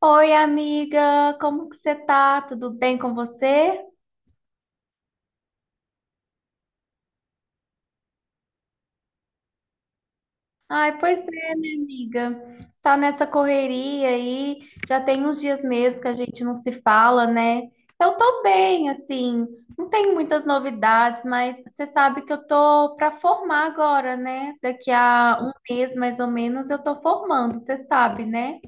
Oi, amiga, como que você tá? Tudo bem com você? Ai, pois é, minha amiga. Tá nessa correria aí, já tem uns dias mesmo que a gente não se fala, né? Eu tô bem, assim, não tenho muitas novidades, mas você sabe que eu tô pra formar agora, né? Daqui a um mês, mais ou menos, eu tô formando, você sabe, né?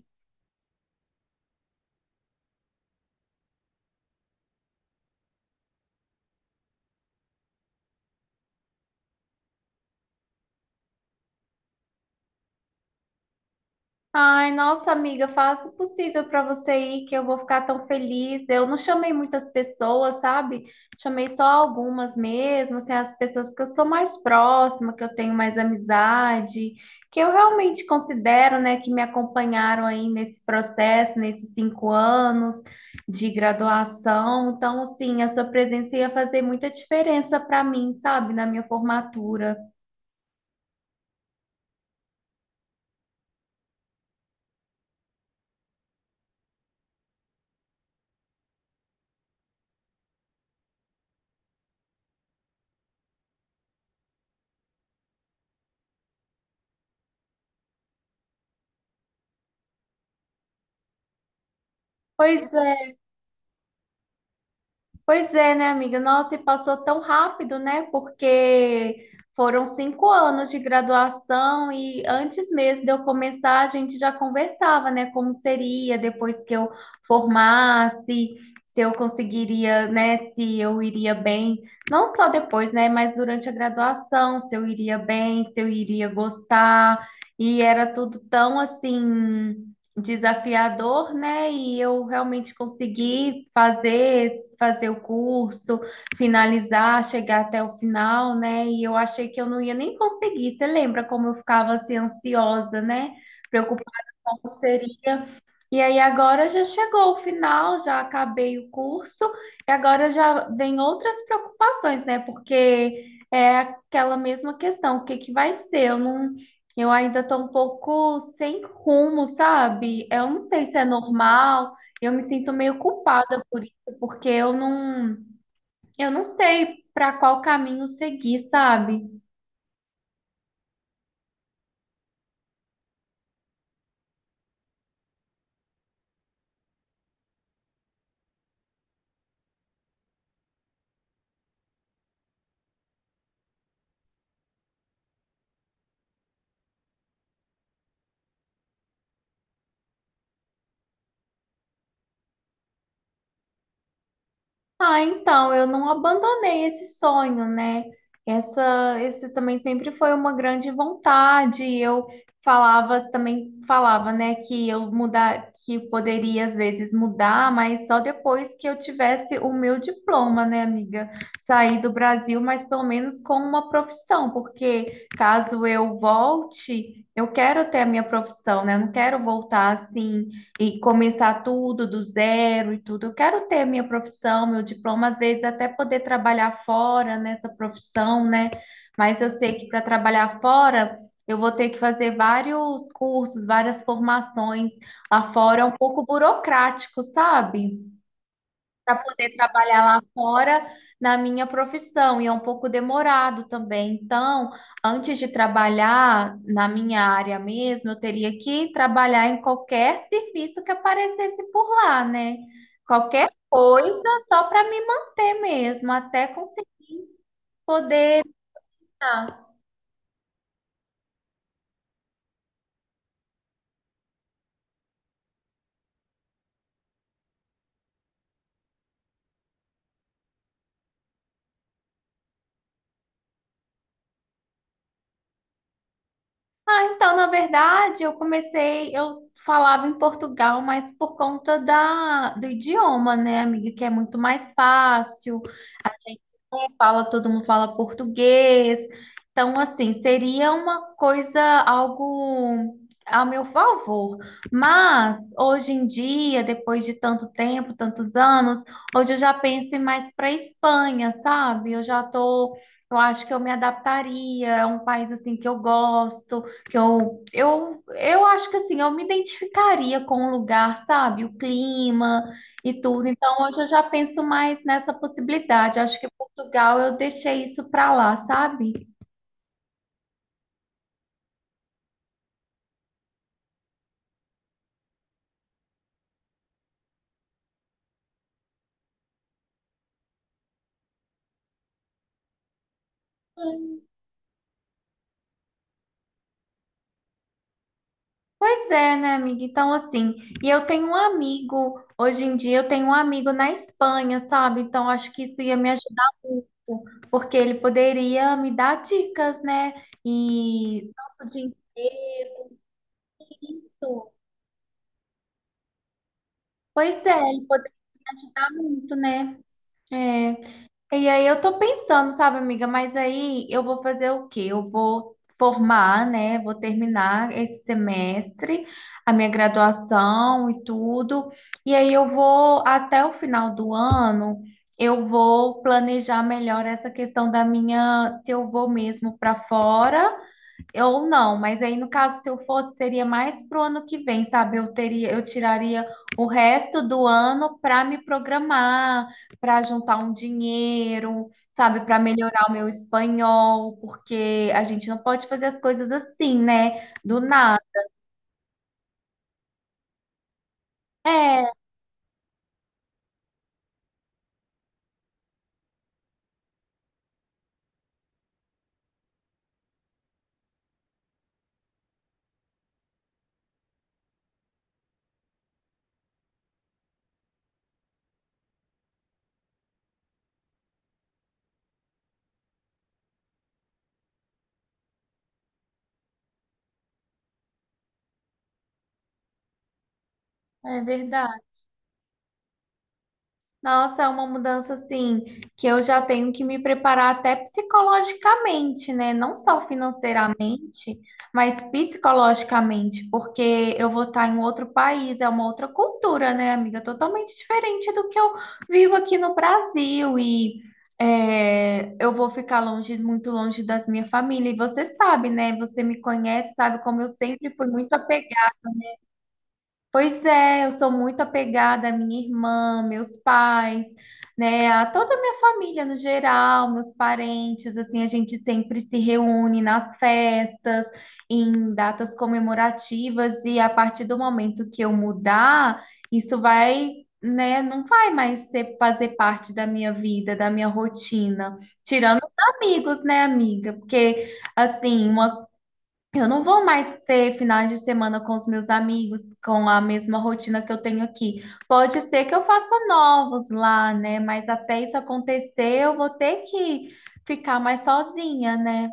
Ai, nossa amiga, faça o possível para você ir, que eu vou ficar tão feliz. Eu não chamei muitas pessoas, sabe? Chamei só algumas mesmo, assim, as pessoas que eu sou mais próxima, que eu tenho mais amizade, que eu realmente considero, né, que me acompanharam aí nesse processo, nesses 5 anos de graduação. Então, assim, a sua presença ia fazer muita diferença para mim, sabe? Na minha formatura. Pois é, Pois é, né, amiga? Nossa, e passou tão rápido, né? Porque foram 5 anos de graduação e antes mesmo de eu começar, a gente já conversava, né? Como seria depois que eu formasse, se eu conseguiria, né? Se eu iria bem, não só depois, né? Mas durante a graduação, se eu iria bem, se eu iria gostar. E era tudo tão assim desafiador, né? E eu realmente consegui fazer o curso, finalizar, chegar até o final, né? E eu achei que eu não ia nem conseguir. Você lembra como eu ficava assim ansiosa, né? Preocupada com como seria. E aí agora já chegou o final, já acabei o curso, e agora já vem outras preocupações, né? Porque é aquela mesma questão, o que que vai ser? Eu não, eu ainda estou um pouco sem rumo, sabe? Eu não sei se é normal, eu me sinto meio culpada por isso, porque eu não sei para qual caminho seguir, sabe? Ah, então, eu não abandonei esse sonho, né? Esse também sempre foi uma grande vontade. Eu falava também, né, que eu mudar, que poderia às vezes mudar, mas só depois que eu tivesse o meu diploma, né, amiga? Sair do Brasil, mas pelo menos com uma profissão, porque caso eu volte, eu quero ter a minha profissão, né? Eu não quero voltar assim e começar tudo do zero e tudo. Eu quero ter minha profissão, meu diploma, às vezes até poder trabalhar fora nessa profissão, né? Mas eu sei que para trabalhar fora, eu vou ter que fazer vários cursos, várias formações. Lá fora é um pouco burocrático, sabe? Para poder trabalhar lá fora na minha profissão, e é um pouco demorado também. Então, antes de trabalhar na minha área mesmo, eu teria que trabalhar em qualquer serviço que aparecesse por lá, né? Qualquer coisa só para me manter mesmo, até conseguir poder. Ah, então, na verdade, eu falava em Portugal, mas por conta do idioma, né, amiga, que é muito mais fácil. A gente né, fala, todo mundo fala português. Então, assim, seria uma coisa, algo a meu favor. Mas, hoje em dia, depois de tanto tempo, tantos anos, hoje eu já penso em mais para Espanha, sabe? Eu acho que eu me adaptaria, é um país, assim, que eu gosto que eu acho que assim, eu me identificaria com o lugar, sabe? O clima e tudo. Então, hoje eu já penso mais nessa possibilidade. Acho que Portugal eu deixei isso para lá, sabe? Pois é, né, amiga? Então, assim, e eu tenho um amigo, hoje em dia eu tenho um amigo na Espanha, sabe? Então, acho que isso ia me ajudar muito, porque ele poderia me dar dicas, né? E tanto de emprego, isso. Pois é, ele poderia ajudar muito, né? É. E aí eu tô pensando, sabe, amiga, mas aí eu vou fazer o quê? Eu vou formar, né? Vou terminar esse semestre, a minha graduação e tudo. E aí eu vou, até o final do ano, eu vou planejar melhor essa questão da minha, se eu vou mesmo para fora. Ou não, mas aí no caso, se eu fosse, seria mais pro ano que vem, sabe? Eu teria, eu tiraria o resto do ano para me programar, para juntar um dinheiro, sabe? Para melhorar o meu espanhol, porque a gente não pode fazer as coisas assim, né? Do nada. É, é, verdade. Nossa, é uma mudança assim que eu já tenho que me preparar até psicologicamente, né? Não só financeiramente, mas psicologicamente, porque eu vou estar em outro país, é uma outra cultura, né, amiga? Totalmente diferente do que eu vivo aqui no Brasil e é, eu vou ficar longe, muito longe das minha família. E você sabe, né? Você me conhece, sabe como eu sempre fui muito. Pois é, eu sou muito apegada à minha irmã, meus pais, né, a toda a minha família no geral, meus parentes, assim, a gente sempre se reúne nas festas, em datas comemorativas, e a partir do momento que eu mudar, isso vai, né, não vai mais ser, fazer parte da minha vida, da minha rotina, tirando os amigos, né, amiga? Porque, assim, uma eu não vou mais ter finais de semana com os meus amigos, com a mesma rotina que eu tenho aqui. Pode ser que eu faça novos lá, né? Mas até isso acontecer, eu vou ter que ficar mais sozinha, né?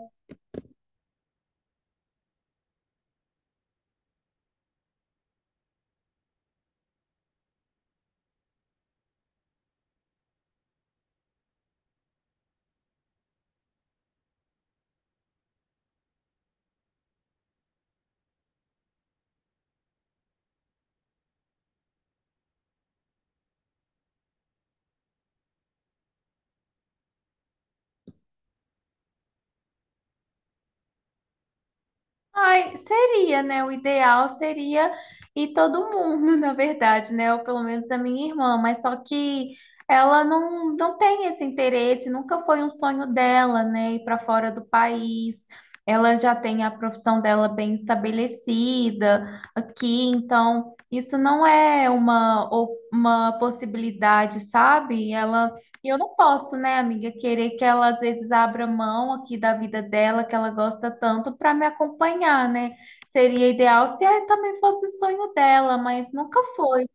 Ai, seria, né? O ideal seria ir todo mundo, na verdade, né? Ou pelo menos a minha irmã, mas só que ela não, não tem esse interesse, nunca foi um sonho dela, né? Ir para fora do país. Ela já tem a profissão dela bem estabelecida aqui, então isso não é uma possibilidade, sabe? Ela E eu não posso, né, amiga, querer que ela às vezes abra mão aqui da vida dela, que ela gosta tanto, para me acompanhar, né? Seria ideal se também fosse o sonho dela, mas nunca foi.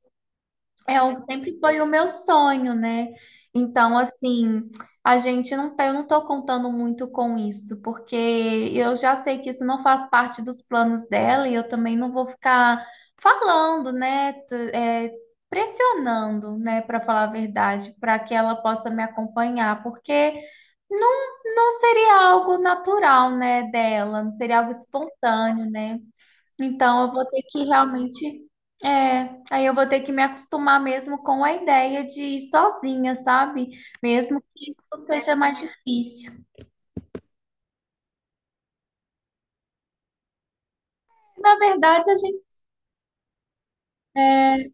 É, sempre foi o meu sonho, né? Então, assim, a gente não tá, eu não tô contando muito com isso, porque eu já sei que isso não faz parte dos planos dela e eu também não vou ficar falando, né? Pressionando, né, para falar a verdade, para que ela possa me acompanhar, porque não, não seria algo natural, né, dela, não seria algo espontâneo, né? Então, eu vou ter que realmente. É, aí eu vou ter que me acostumar mesmo com a ideia de ir sozinha, sabe? Mesmo que isso seja mais difícil. Na verdade, a gente. É,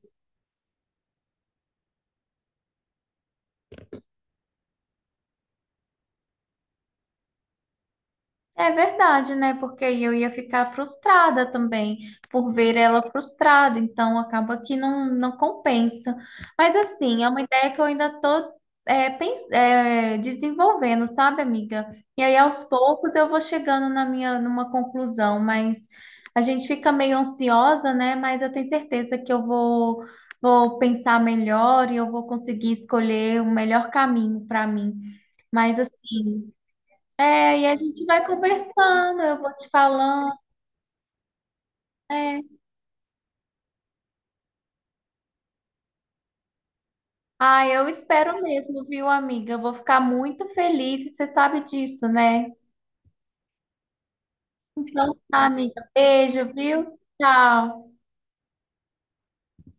É, verdade, né? Porque aí eu ia ficar frustrada também por ver ela frustrada, então acaba que não, não compensa. Mas assim, é uma ideia que eu ainda tô desenvolvendo, sabe, amiga? E aí aos poucos eu vou chegando na minha numa conclusão, mas a gente fica meio ansiosa, né? Mas eu tenho certeza que eu vou pensar melhor e eu vou conseguir escolher o melhor caminho para mim. Mas assim, é, e a gente vai conversando, eu vou te falando. É. Ah, eu espero mesmo, viu, amiga? Eu vou ficar muito feliz, e você sabe disso, né? Então tá, amiga. Beijo, viu? Tchau.